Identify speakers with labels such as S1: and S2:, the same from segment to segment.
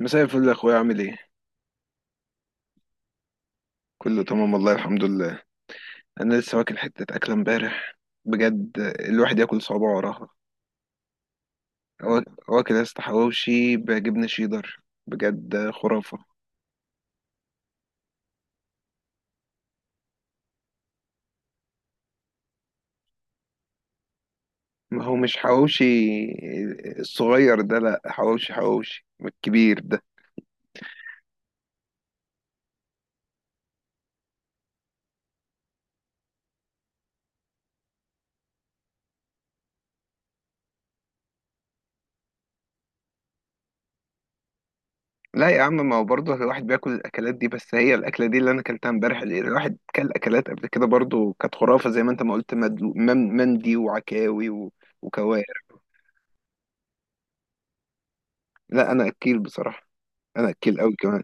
S1: مساء الفل يا اخويا، عامل ايه؟ كله تمام والله الحمد لله. انا لسه واكل حته اكله امبارح. بجد الواحد ياكل صوابعه وراها. وا- واكل يا اسطى حواوشي بجبنه شيدر. بجد خرافه. ما هو مش حواوشي الصغير ده، لا، حواوشي حواوشي الكبير ده. لا يا عم، ما هو برضه الواحد بياكل الاكلات دي، بس هي الاكله دي اللي انا اكلتها امبارح. اللي الواحد كل اكلات قبل كده برضه كانت خرافه، زي ما انت ما قلت، مندي وعكاوي وكوارع. لا، انا اكيل بصراحه. انا اكيل قوي كمان.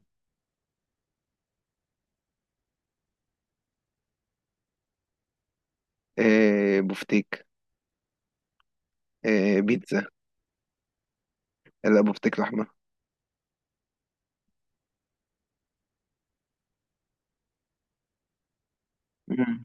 S1: إيه، بفتيك. إيه، بيتزا. لا، بفتيك لحمة. مم.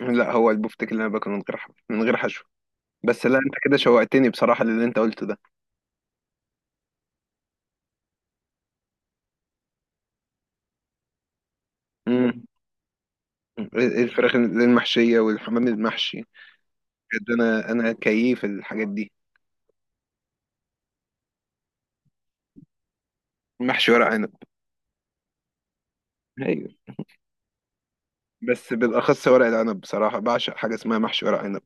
S1: لا، هو البفتيك اللي انا باكله من غير من غير حشو. بس لا، انت كده شوقتني بصراحة للي انت قلته ده. مم. إيه، الفراخ المحشية والحمام المحشي. بجد انا كيف الحاجات دي. محشي ورق عنب. ايوه. بس بالاخص ورق العنب، بصراحة بعشق حاجة اسمها محشي ورق عنب.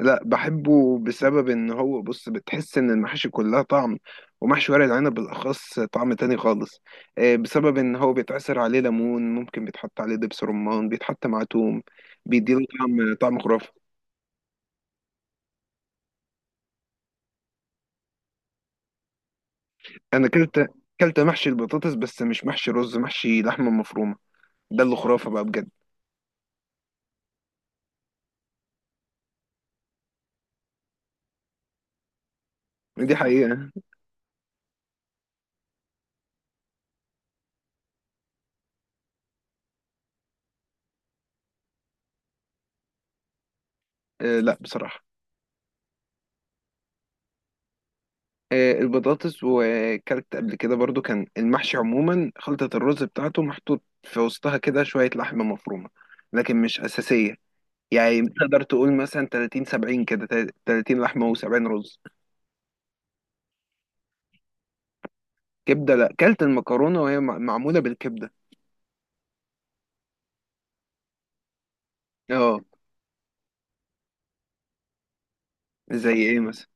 S1: لا، بحبه بسبب ان هو، بص، بتحس ان المحاشي كلها طعم، ومحشي ورق العنب بالاخص طعم تاني خالص. بسبب ان هو بيتعصر عليه ليمون، ممكن بيتحط عليه دبس رمان، بيتحط مع توم، بيديله طعم طعم خرافي. انا كلت محشي البطاطس، بس مش محشي رز، محشي لحمه مفرومه. ده اللي خرافه بقى، بجد. دي حقيقه. آه، لا بصراحه. آه، البطاطس، وكلت قبل كده برضو كان المحشي عموما خلطة الرز بتاعته محطوط في وسطها كده شوية لحمة مفرومة، لكن مش أساسية. يعني تقدر تقول مثلا 30 70 كده، 30 لحمة و70 رز. كبدة، لا، كلت المكرونة وهي معمولة بالكبدة. اه. زي ايه مثلا؟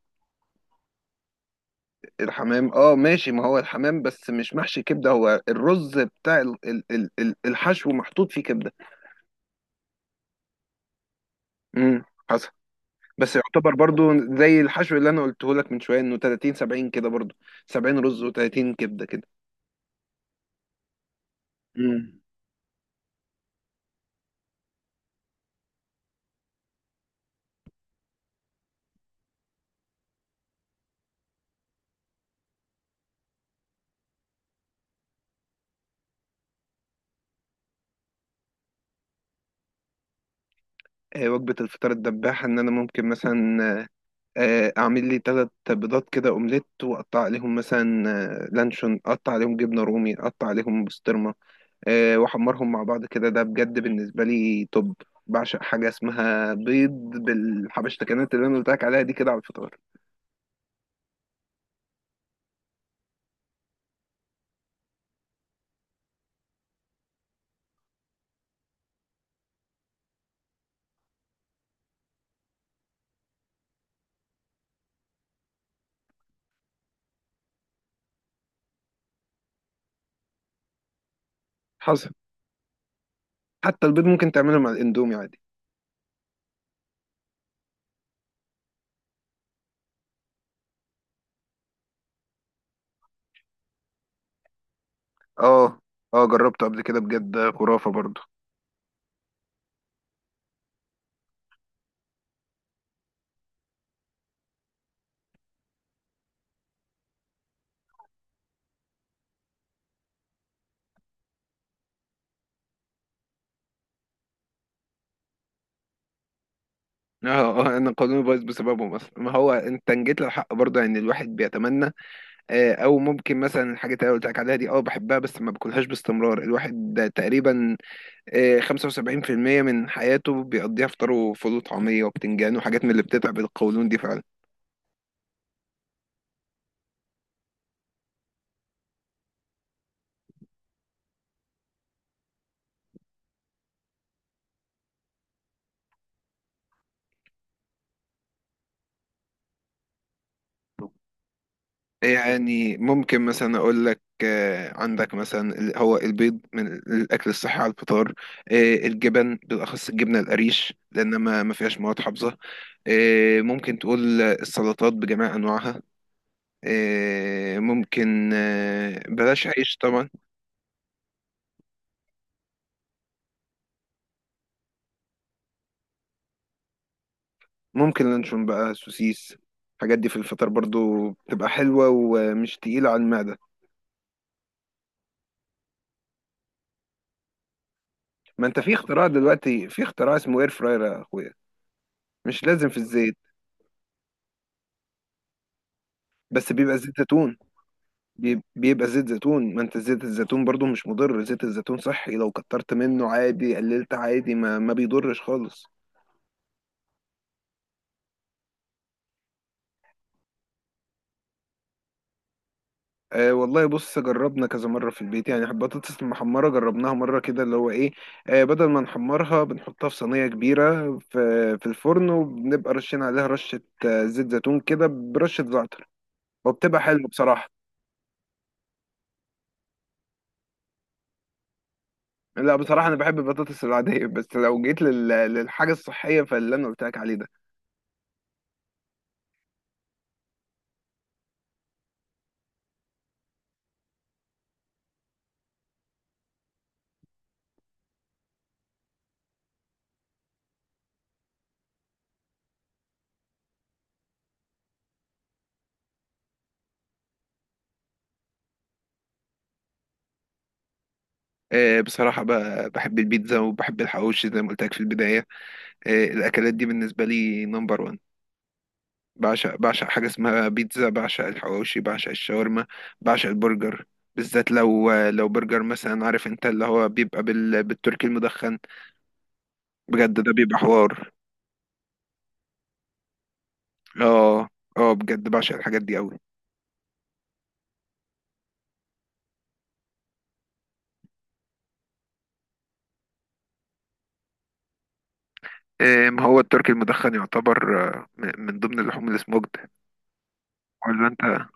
S1: الحمام، اه، ماشي. ما هو الحمام بس مش محشي كبدة، هو الرز بتاع الحشو محطوط فيه كبدة. امم بس يعتبر برضو. زي الحشو اللي انا قلته لك من شويه انه 30 70 كده برضو، 70 رز و30 كبده كده. مم. وجبه الفطار الدباحه ان ممكن مثلا اعمل لي ثلاث بيضات كده اومليت، واقطع عليهم مثلا لانشون، اقطع عليهم جبنه رومي، اقطع عليهم بسطرمه، واحمرهم مع بعض كده. ده بجد بالنسبه لي توب. بعشق حاجه اسمها بيض بالحبشتكنات اللي انا قلت لك عليها دي كده على الفطار. حصل. حتى البيض ممكن تعمله مع الاندومي عادي. اه. اه، جربته قبل كده، بجد خرافة برضه. اه، انا قانوني بايظ بسببه مثلا، ما هو انت جيت للحق برضه، يعني الواحد بيتمنى. او ممكن مثلا الحاجات اللي أنا قلت لك عليها دي، اه بحبها، بس ما باكلهاش باستمرار. الواحد ده تقريبا 75% من حياته بيقضيها فطار وفول وطعميه وبتنجان وحاجات من اللي بتتعب القولون دي فعلا. يعني ممكن مثلا اقول لك، عندك مثلا هو البيض من الاكل الصحي على الفطار، الجبن بالاخص الجبنه القريش لان ما فيهاش مواد حافظه، ممكن تقول السلطات بجميع انواعها، ممكن بلاش عيش طبعا. ممكن لانشون بقى، سوسيس. الحاجات دي في الفطار برضو بتبقى حلوه ومش تقيله على المعده. ما انت في اختراع دلوقتي، في اختراع اسمه اير فراير يا اخويا، مش لازم في الزيت. بس بيبقى زيت زيتون. بيبقى زيت زيتون. ما انت زيت الزيتون برضو مش مضر، زيت الزيتون صحي. لو كترت منه عادي، قللت عادي، ما بيضرش خالص. آه والله، بص، جربنا كذا مرة في البيت يعني. البطاطس المحمرة جربناها مرة كده، اللي هو ايه، بدل ما نحمرها بنحطها في صينية كبيرة في الفرن، وبنبقى رشين عليها رشة زيت زيتون كده برشة زعتر، وبتبقى حلوة بصراحة. لا، بصراحة أنا بحب البطاطس العادية، بس لو جيت للحاجة الصحية فاللي أنا قلت لك عليه ده. بصراحة بحب البيتزا وبحب الحواوشي زي ما قلت لك في البداية. الأكلات دي بالنسبة لي نمبر وان. بعشق حاجة اسمها بيتزا، بعشق الحواوشي، بعشق الشاورما، بعشق البرجر. بالذات لو برجر مثلا، عارف انت اللي هو بيبقى بالتركي المدخن. بجد ده بيبقى حوار. اه. اه بجد، بعشق الحاجات دي قوي. ما هو التركي المدخن يعتبر من ضمن اللحوم السموكد، ولا انت؟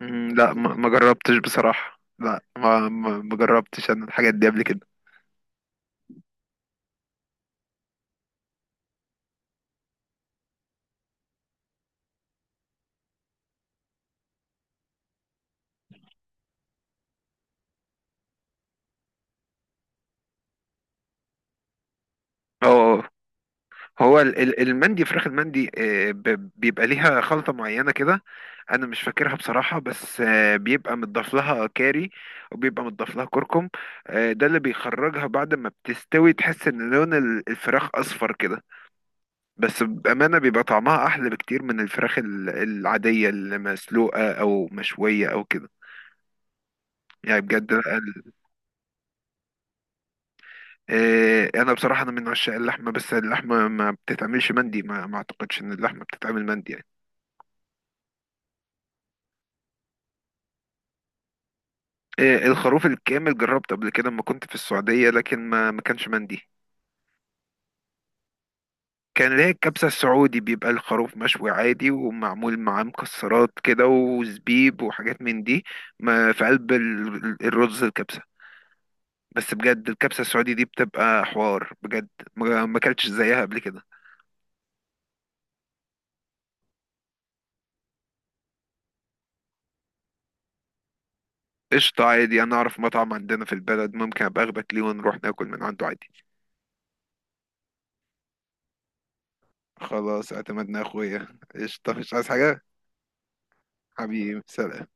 S1: مم، لا ما جربتش بصراحة، لا ما جربتش انا الحاجات دي قبل كده. اه. هو المندي، فراخ المندي بيبقى ليها خلطة معينة كده. انا مش فاكرها بصراحة، بس بيبقى متضاف لها كاري، وبيبقى متضاف لها كركم. ده اللي بيخرجها بعد ما بتستوي، تحس ان لون الفراخ اصفر كده. بس بأمانة بيبقى طعمها احلى بكتير من الفراخ العادية المسلوقة او مشوية او كده، يعني بجد. إيه، انا بصراحه انا من عشاق اللحمه، بس اللحمه ما بتتعملش مندي، ما اعتقدش ان اللحمه بتتعمل مندي يعني. إيه، الخروف الكامل جربته قبل كده لما كنت في السعوديه، لكن ما كانش مندي. كان اللي هي الكبسه السعودي، بيبقى الخروف مشوي عادي ومعمول معاه مكسرات كده وزبيب وحاجات من دي، ما في قلب الرز الكبسه. بس بجد الكبسه السعودي دي بتبقى حوار بجد، ما اكلتش زيها قبل كده. قشطه عادي، انا اعرف مطعم عندنا في البلد ممكن ابقى اخدك ليه ونروح ناكل من عنده عادي. خلاص اعتمدنا يا اخويا. قشطة، مش عايز حاجة. حبيبي سلام.